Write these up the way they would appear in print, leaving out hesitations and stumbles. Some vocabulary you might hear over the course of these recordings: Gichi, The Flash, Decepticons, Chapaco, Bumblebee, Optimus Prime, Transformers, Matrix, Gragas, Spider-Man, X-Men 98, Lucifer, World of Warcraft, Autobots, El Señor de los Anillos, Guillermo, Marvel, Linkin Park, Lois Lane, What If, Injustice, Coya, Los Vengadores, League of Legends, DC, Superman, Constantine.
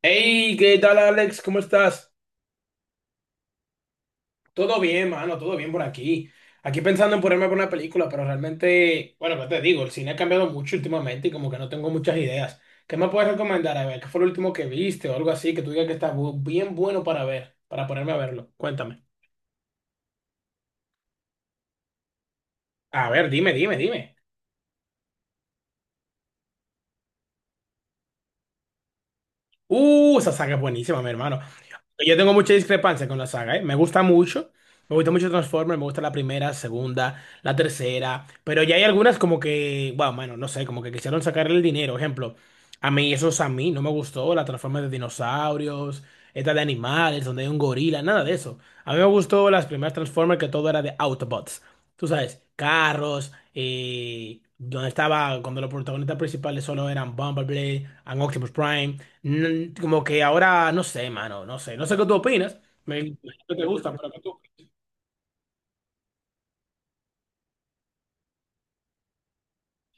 Hey, ¿qué tal, Alex? ¿Cómo estás? Todo bien, mano, todo bien por aquí. Aquí pensando en ponerme por una película, pero realmente, bueno, ¿qué te digo? El cine ha cambiado mucho últimamente y como que no tengo muchas ideas. ¿Qué me puedes recomendar? A ver, ¿qué fue lo último que viste o algo así que tú digas que está bien bueno para ver, para ponerme a verlo? Cuéntame. A ver, dime, dime, dime. Esa saga es buenísima, mi hermano. Yo tengo mucha discrepancia con la saga, ¿eh? Me gusta mucho. Me gusta mucho Transformers, me gusta la primera, segunda, la tercera. Pero ya hay algunas como que, bueno, mano, no sé, como que quisieron sacarle el dinero. Ejemplo, a mí, eso es a mí, no me gustó la Transformers de dinosaurios, esta de animales, donde hay un gorila, nada de eso. A mí me gustó las primeras Transformers que todo era de Autobots. Tú sabes, carros, donde estaba, cuando los protagonistas principales solo eran Bumblebee, and Optimus Prime. Como que ahora, no sé, mano, no sé, no sé qué tú opinas. Me imagino que te gustan pero que tú.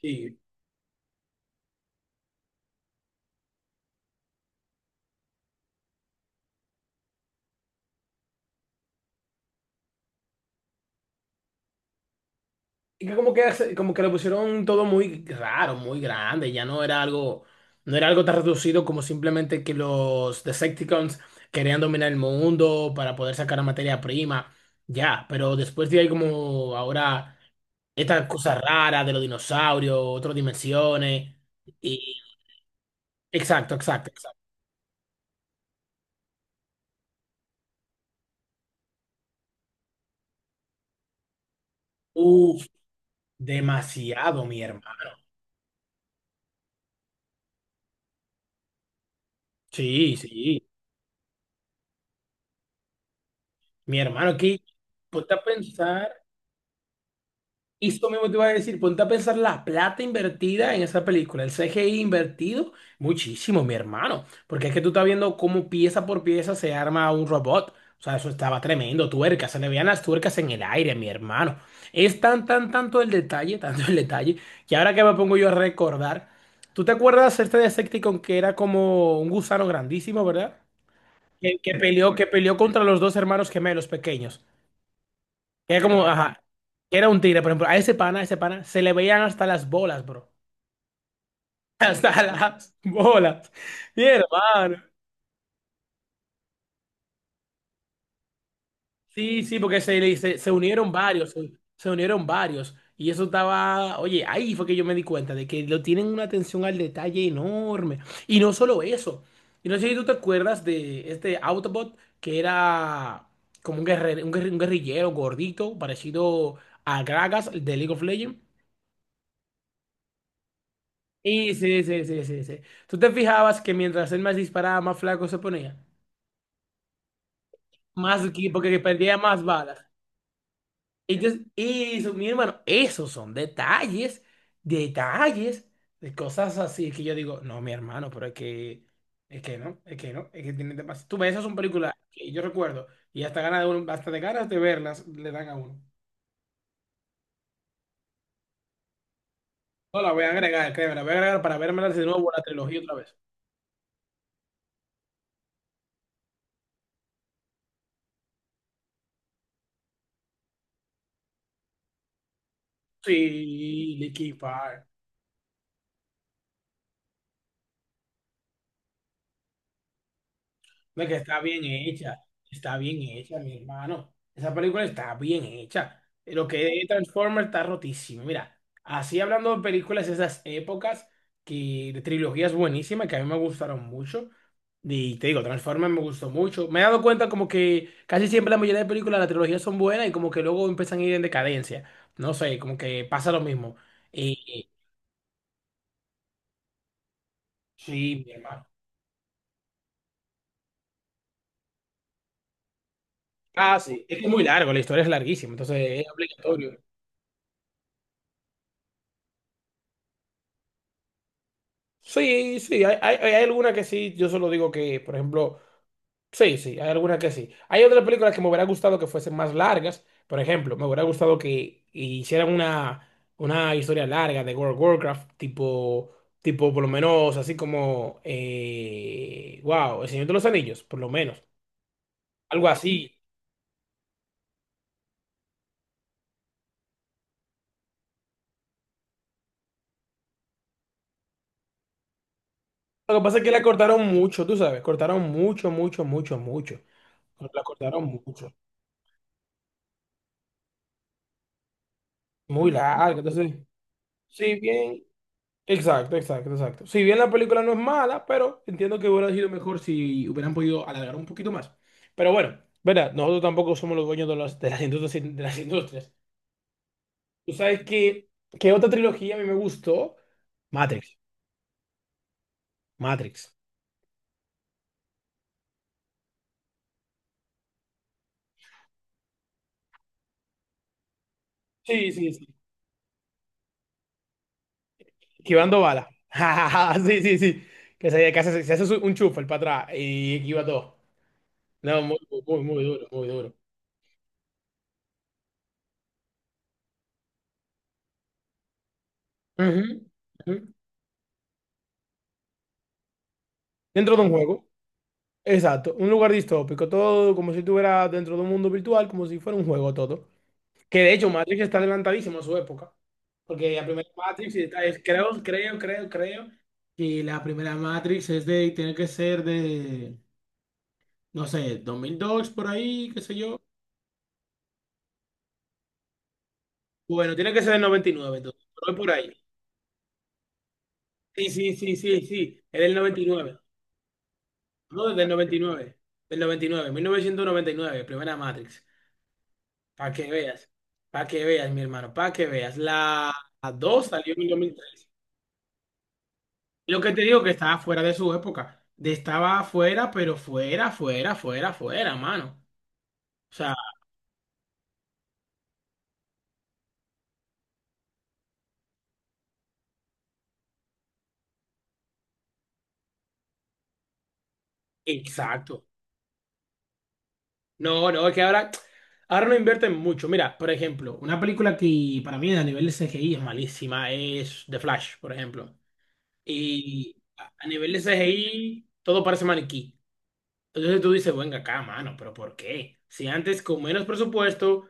Sí. Y que como que, como que lo pusieron todo muy raro, muy grande. Ya no era algo tan reducido como simplemente que los Decepticons querían dominar el mundo para poder sacar la materia prima. Ya, pero después de ahí como ahora estas cosas raras de los dinosaurios, otras dimensiones. Y, exacto, exacto, exacto. Uf, demasiado, mi hermano. Sí, sí. Mi hermano, aquí, ponte a pensar, y esto mismo te iba a decir, ponte a pensar la plata invertida en esa película, el CGI invertido, muchísimo, mi hermano, porque es que tú estás viendo cómo pieza por pieza se arma un robot. O sea, eso estaba tremendo, tuercas, se le veían las tuercas en el aire, mi hermano. Es tan, tan, tanto el detalle, tanto el detalle, que ahora que me pongo yo a recordar, ¿tú te acuerdas este Decepticon que era como un gusano grandísimo, verdad? Que peleó contra los dos hermanos gemelos pequeños. Que era como, ajá, que era un tigre, por ejemplo, a ese pana, se le veían hasta las bolas, bro. Hasta las bolas. Mi hermano. Sí, sí, porque se unieron varios, se unieron varios. Y eso estaba, oye, ahí fue que yo me di cuenta de que lo tienen una atención al detalle enorme. Y no solo eso. Y no sé si tú te acuerdas de este Autobot, que era como un guerrero, un guerrillero gordito, parecido a Gragas de League of Legends. Y sí, sí, sí, sí, sí. Tú te fijabas que mientras él más disparaba, más flaco se ponía. Porque perdía más balas. Y eso, mi hermano, esos son detalles, detalles de cosas así que yo digo, no, mi hermano, pero es que no, es que tiene demasiado. Tú ves, esas son películas que yo recuerdo y hasta ganas de uno, hasta de ganas de verlas le dan a uno. No, la voy a agregar, créeme, la voy a agregar para verme de nuevo la trilogía otra vez. Sí, Linkin Park. Hombre, que está bien hecha, mi hermano. Esa película está bien hecha. Lo que de Transformers está rotísimo. Mira, así hablando de películas de esas épocas, que de trilogías buenísimas que a mí me gustaron mucho. Y te digo, Transformers me gustó mucho. Me he dado cuenta como que casi siempre la mayoría de películas, las trilogías son buenas y como que luego empiezan a ir en decadencia. No sé, como que pasa lo mismo. Eh, eh, sí, mi hermano. Ah, sí. Es que es muy largo, la historia es larguísima, entonces es obligatorio. Sí, sí, hay alguna que sí, yo solo digo que, por ejemplo, sí, sí, hay alguna que sí. Hay otras películas que me hubiera gustado que fuesen más largas, por ejemplo, me hubiera gustado que hicieran una historia larga de World of Warcraft, tipo, por lo menos, así como, wow, El Señor de los Anillos, por lo menos, algo así. Lo que pasa es que la cortaron mucho, tú sabes, cortaron mucho, mucho, mucho, mucho. La cortaron mucho, muy larga, entonces. Sí, bien, exacto, exacto, exacto. Si bien la película no es mala, pero entiendo que hubiera sido mejor si hubieran podido alargar un poquito más. Pero bueno, verá, nosotros tampoco somos los dueños de de las industrias. Tú sabes que otra trilogía a mí me gustó. Matrix, Matrix. Sí, sí, sí. Esquivando balas. Sí, sí, sí. Que se, que hace, se hace un chufa el para atrás y esquiva todo. No, muy, muy, muy duro, muy duro. Ujú, ujú. Dentro de un juego. Exacto, un lugar distópico, todo como si estuviera dentro de un mundo virtual, como si fuera un juego todo. Que de hecho Matrix está adelantadísimo a su época, porque la primera Matrix creo que la primera Matrix tiene que ser de, no sé, 2002 por ahí, qué sé yo. Bueno, tiene que ser del 99, entonces, pero es por ahí. Sí, sí, sí, sí, sí, es del 99, no, del 99, del 99, 1999, primera Matrix. Para que veas, para que veas, mi hermano, para que veas. La 2 salió en el 2000. Y lo que te digo que estaba fuera de su época. De estaba fuera, pero fuera, fuera, fuera, fuera, mano. O sea, exacto. No, no, es que ahora no invierten mucho. Mira, por ejemplo, una película que para mí a nivel de CGI es malísima es The Flash, por ejemplo. Y a nivel de CGI todo parece maniquí. Entonces tú dices, venga acá, mano, pero ¿por qué? Si antes con menos presupuesto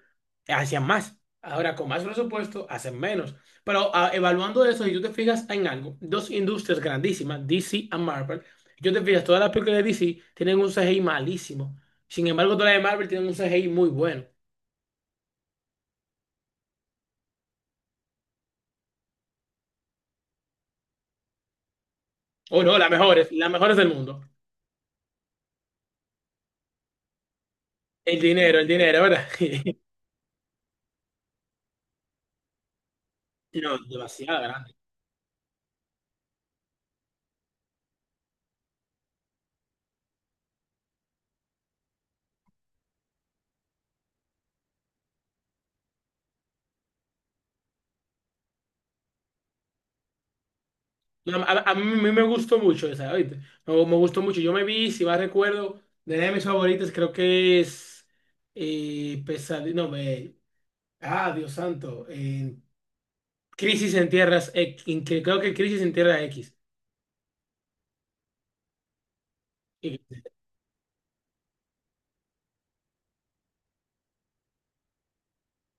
hacían más, ahora con más presupuesto hacen menos. Pero evaluando eso, si tú te fijas en algo, dos industrias grandísimas, DC y Marvel. Yo te fijas, todas las películas de DC tienen un CGI malísimo. Sin embargo, todas las de Marvel tienen un CGI muy bueno. O no, las mejores del mundo. El dinero, ¿verdad? No, demasiado grande. No, a mí me gustó mucho esa, ¿oíste? No, me gustó mucho. Yo me vi, si mal recuerdo, de mis favoritas, creo que es Pesadilla. No, Dios santo. Crisis en Tierras X. Creo que Crisis en Tierra X. Y-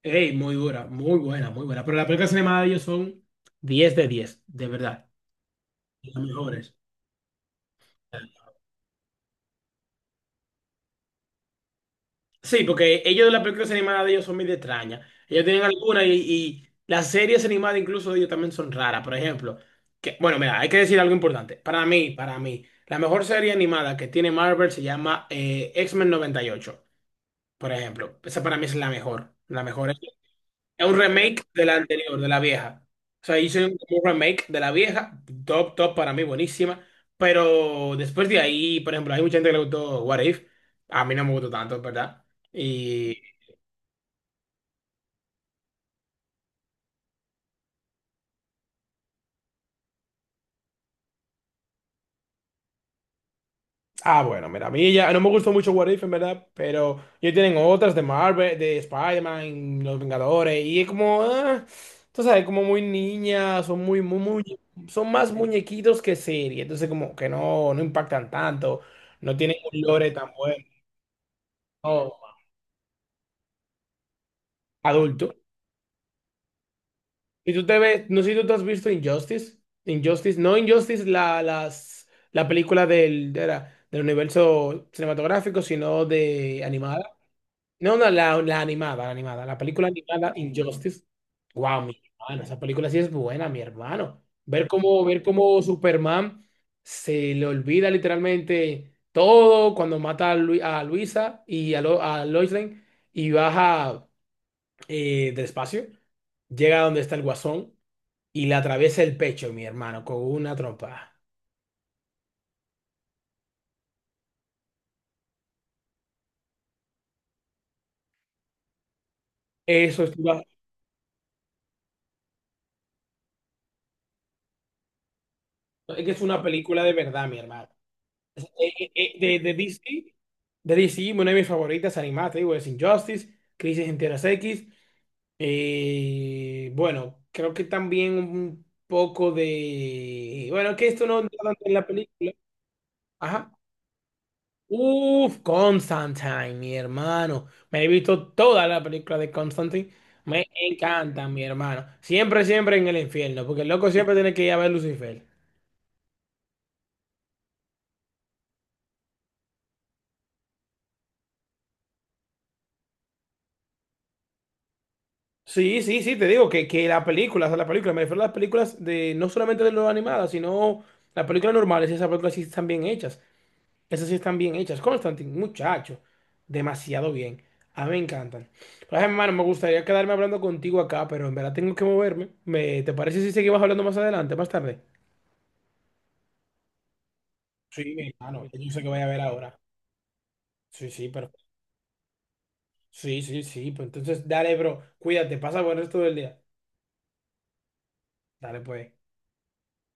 Ey, muy dura, muy buena, muy buena. Pero las películas animadas de ellos son 10 de 10 de verdad. Las mejores. Sí, porque ellos, las películas animadas de ellos son medio extrañas. Ellos tienen algunas y, las series animadas incluso de ellos también son raras. Por ejemplo, que, bueno, mira, hay que decir algo importante. Para mí, la mejor serie animada que tiene Marvel se llama X-Men 98, por ejemplo. Esa para mí es la mejor. La mejor. Es un remake de la anterior, de la vieja. O sea, hizo un remake de la vieja, top, top para mí, buenísima. Pero después de ahí, por ejemplo, hay mucha gente que le gustó What If. A mí no me gustó tanto, ¿verdad? Y. Ah, bueno, mira, a mí ya no me gustó mucho What If, en verdad, pero ya tienen otras de Marvel, de Spider-Man, Los Vengadores, y es como, ah, tú sabes, como muy niñas, son muy, muy, muy, son más muñequitos que serie, entonces como que no, no impactan tanto, no tienen un lore tan bueno, no, adulto. Y tú te ves, no sé si tú te has visto Injustice, Injustice, no Injustice, la película del universo cinematográfico, sino de animada. No, no, la animada, la animada. La película animada Injustice. Wow, mi hermano, esa película sí es buena, mi hermano. Ver cómo Superman se le olvida literalmente todo cuando mata a Luisa y a Lois Lane y baja del espacio, llega a donde está el guasón y le atraviesa el pecho, mi hermano, con una trompa. Eso es, una- es que es una película de verdad, mi hermano. Eh, de DC, de DC, una de mis favoritas animadas, te digo, es Injustice, Crisis en Tierras X. Bueno, creo que también un poco de. Bueno, que esto no entra tanto en la película. Ajá. Uf, Constantine, mi hermano. Me he visto toda la película de Constantine. Me encanta, mi hermano. Siempre, siempre en el infierno, porque el loco siempre tiene que ir a ver Lucifer. Sí, sí, sí, te digo que la película, o sea, la película, me refiero a las películas de, no solamente de lo animadas, sino las películas normales, esas películas sí están bien hechas. Esas sí están bien hechas. Constantine, muchacho, demasiado bien. A mí me encantan. Pero, ay, hermano, me gustaría quedarme hablando contigo acá, pero en verdad tengo que moverme. ¿Te parece si seguimos hablando más adelante, más tarde? Sí, mi hermano, yo sé que voy a ver ahora. Sí, sí, pero. Sí, sí, sí, pues entonces, dale, bro, cuídate, pasa buen resto del día. Dale, pues.